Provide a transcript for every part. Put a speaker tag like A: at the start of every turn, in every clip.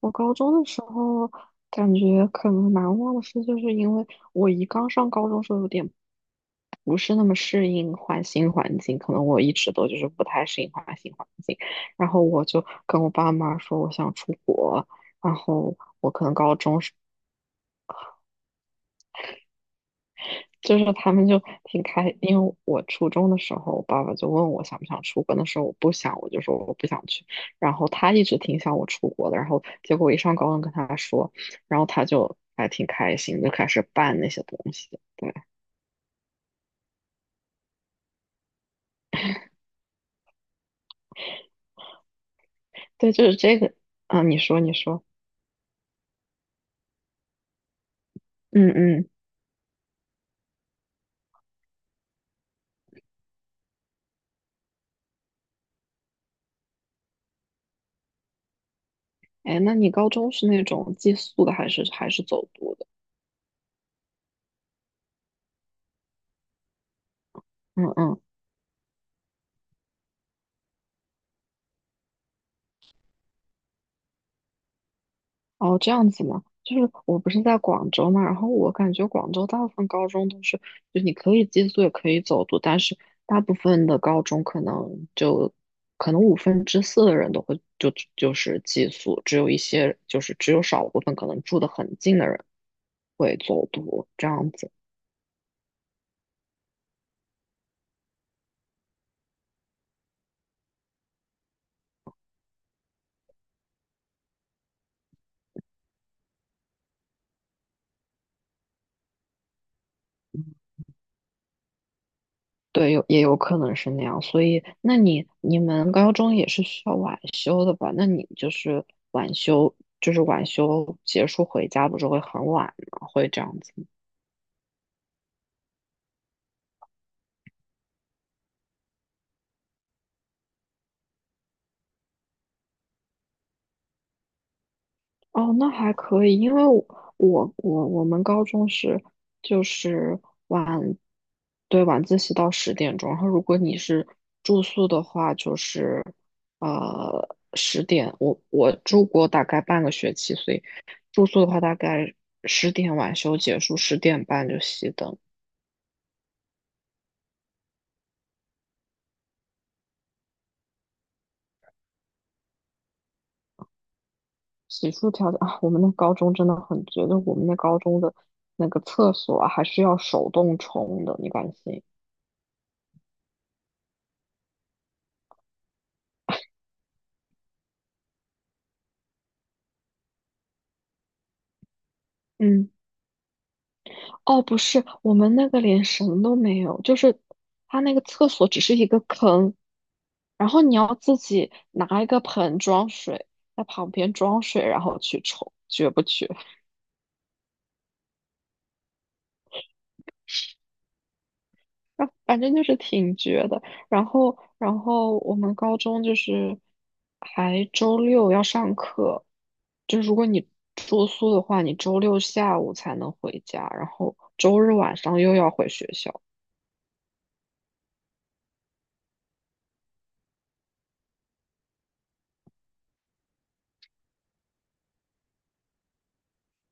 A: 我高中的时候感觉可能难忘的事，就是因为我一刚上高中时候有点不是那么适应换新环境，可能我一直都就是不太适应换新环境，然后我就跟我爸妈说我想出国，然后我可能高中就是他们就挺开，因为我初中的时候，我爸爸就问我想不想出国，那时候我不想，我就说我不想去。然后他一直挺想我出国的，然后结果我一上高中跟他说，然后他就还挺开心，就开始办那些东西。对对，就是这个。啊，你说你说，嗯嗯，哎，那你高中是那种寄宿的还是走读的？嗯嗯。哦，这样子嘛，就是我不是在广州嘛，然后我感觉广州大部分高中都是，就你可以寄宿也可以走读，但是大部分的高中可能就可能五分之四的人都会就是寄宿，只有一些就是只有少部分可能住得很近的人会走读这样子。对，有也有可能是那样，所以那你你们高中也是需要晚修的吧？那你就是晚修，就是晚修结束回家不是会很晚吗？会这样子吗？哦，那还可以，因为我们高中是就是对，晚自习到十点钟，然后如果你是住宿的话，就是呃十点，我住过大概半个学期，所以住宿的话大概十点晚修结束，十点半就熄灯。洗漱条件啊，我们那高中真的很绝，就我们那高中的那个厕所啊还是要手动冲的，你敢信？嗯，哦，不是，我们那个连绳都没有，就是它那个厕所只是一个坑，然后你要自己拿一个盆装水，在旁边装水，然后去抽，绝不绝？那反正就是挺绝的。然后我们高中就是还周六要上课，就如果你住宿的话，你周六下午才能回家，然后周日晚上又要回学校。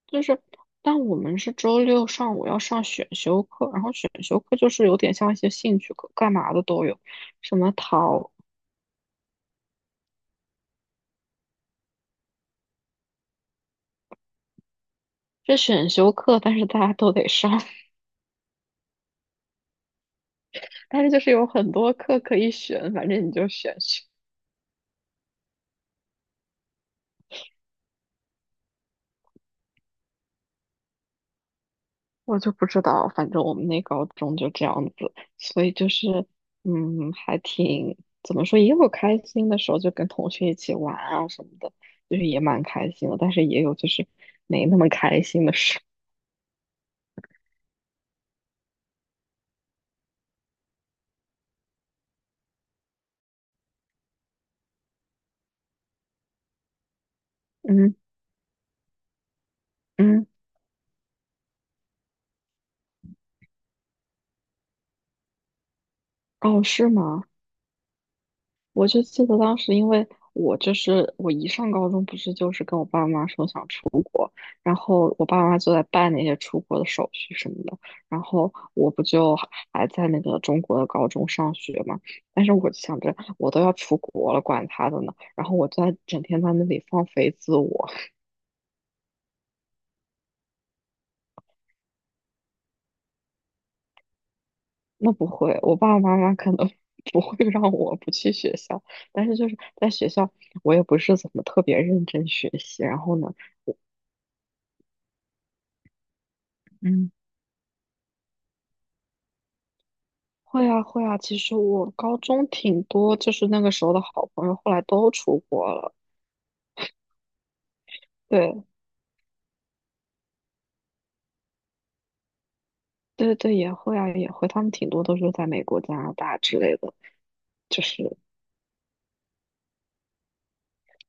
A: 就是，但我们是周六上午要上选修课，然后选修课就是有点像一些兴趣课，干嘛的都有。什么陶这选修课，但是大家都得上，但是就是有很多课可以选，反正你就选选。我就不知道，反正我们那高中就这样子，所以就是，嗯，还挺，怎么说，也有开心的时候，就跟同学一起玩啊什么的，就是也蛮开心的，但是也有就是没那么开心的事。嗯嗯，哦，是吗？我就记得当时，因为我就是我一上高中，不是就是跟我爸妈说想出国，然后我爸妈就在办那些出国的手续什么的，然后我不就还在那个中国的高中上学嘛，但是我想着我都要出国了，管他的呢，然后我在整天在那里放飞自我，那不会，我爸爸妈妈可能 不会让我不去学校，但是就是在学校我也不是怎么特别认真学习，然后呢。嗯会啊会啊，其实我高中挺多，就是那个时候的好朋友，后来都出国了。对对对，也会啊也会，他们挺多都是在美国、加拿大之类的。就是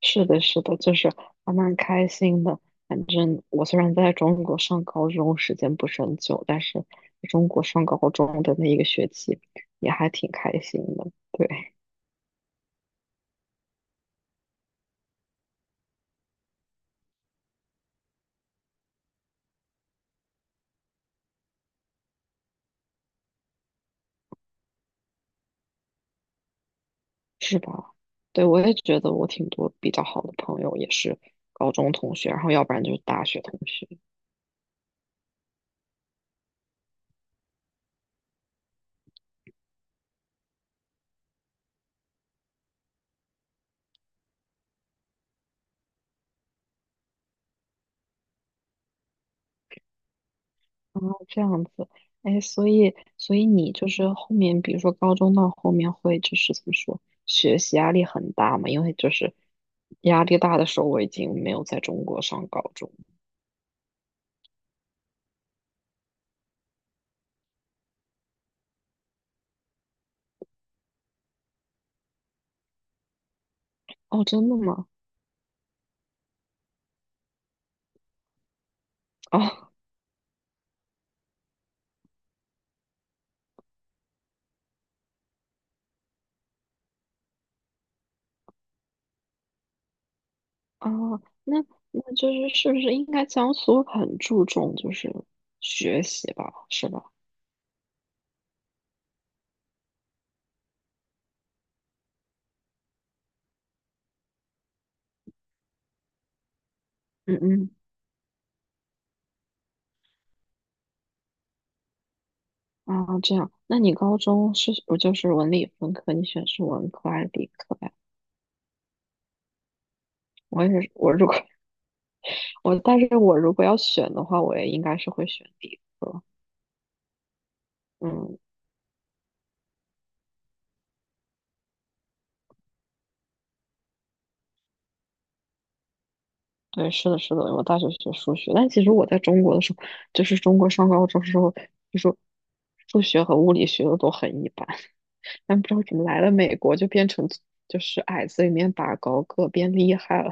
A: 是的是的，就是还蛮开心的。反正我虽然在中国上高中时间不是很久，但是在中国上高中的那一个学期也还挺开心的。对，是吧？对，我也觉得我挺多比较好的朋友也是高中同学，然后要不然就是大学同学。哦，这样子，哎，所以，所以你就是后面，比如说高中到后面会就是怎么说，学习压力很大嘛？因为就是压力大的时候，我已经没有在中国上高中了。哦，真的吗？哦，哦，那就是是不是应该江苏很注重就是学习吧？是吧？嗯嗯，啊，这样，那你高中是不就是文理分科？你选是文科还是理科呀？我也是，我如果但是我如果要选的话，我也应该是会选理科。嗯，对，是的，是的，我大学学数学，但其实我在中国的时候，就是中国上高中时候，就是数学和物理学的都很一般，但不知道怎么来了美国就变成就是矮子里面拔高个，变厉害了。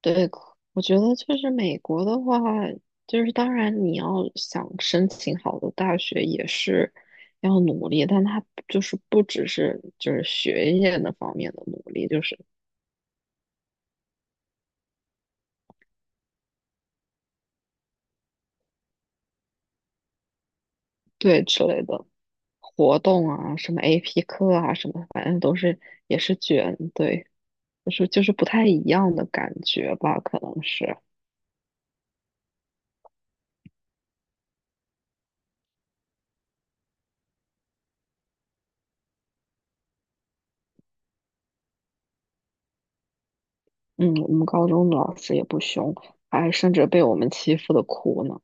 A: 对，我觉得就是美国的话，就是当然你要想申请好的大学也是要努力，但它就是不只是就是学业那方面的努力，就是对之类的活动啊，什么 AP 课啊，什么反正都是也是卷，对，就是不太一样的感觉吧，可能是，嗯，我们高中的老师也不凶，还甚至被我们欺负的哭呢。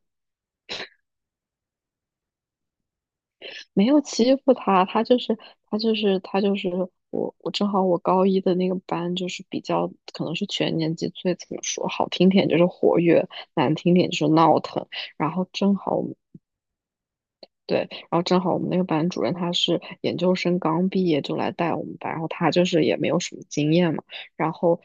A: 没有欺负他，他就是我正好我高一的那个班就是比较可能是全年级最怎么说好听点就是活跃，难听点就是闹腾。然后正好我们对，然后正好我们那个班主任他是研究生刚毕业就来带我们班，然后他就是也没有什么经验嘛，然后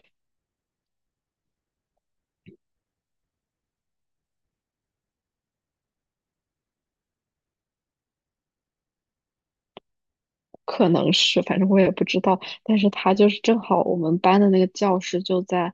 A: 可能是，反正我也不知道。但是他就是正好我们班的那个教室就在，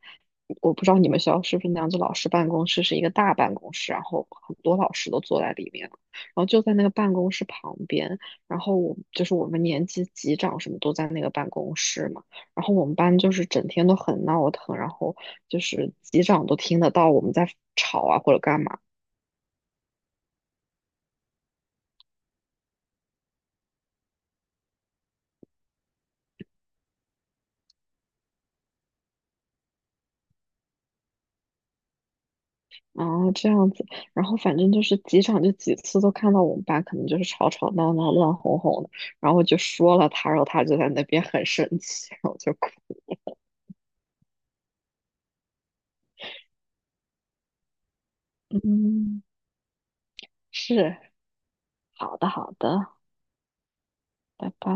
A: 我不知道你们学校是不是那样，子，老师办公室是一个大办公室，然后很多老师都坐在里面了然后就在那个办公室旁边，然后我就是我们年级级长什么都在那个办公室嘛，然后我们班就是整天都很闹腾，然后就是级长都听得到我们在吵啊或者干嘛。哦，这样子，然后反正就是几场，就几次都看到我们班可能就是吵吵闹闹、乱哄哄的，然后我就说了他，然后他就在那边很生气，然后我就哭。嗯，是，好的，好的，拜拜。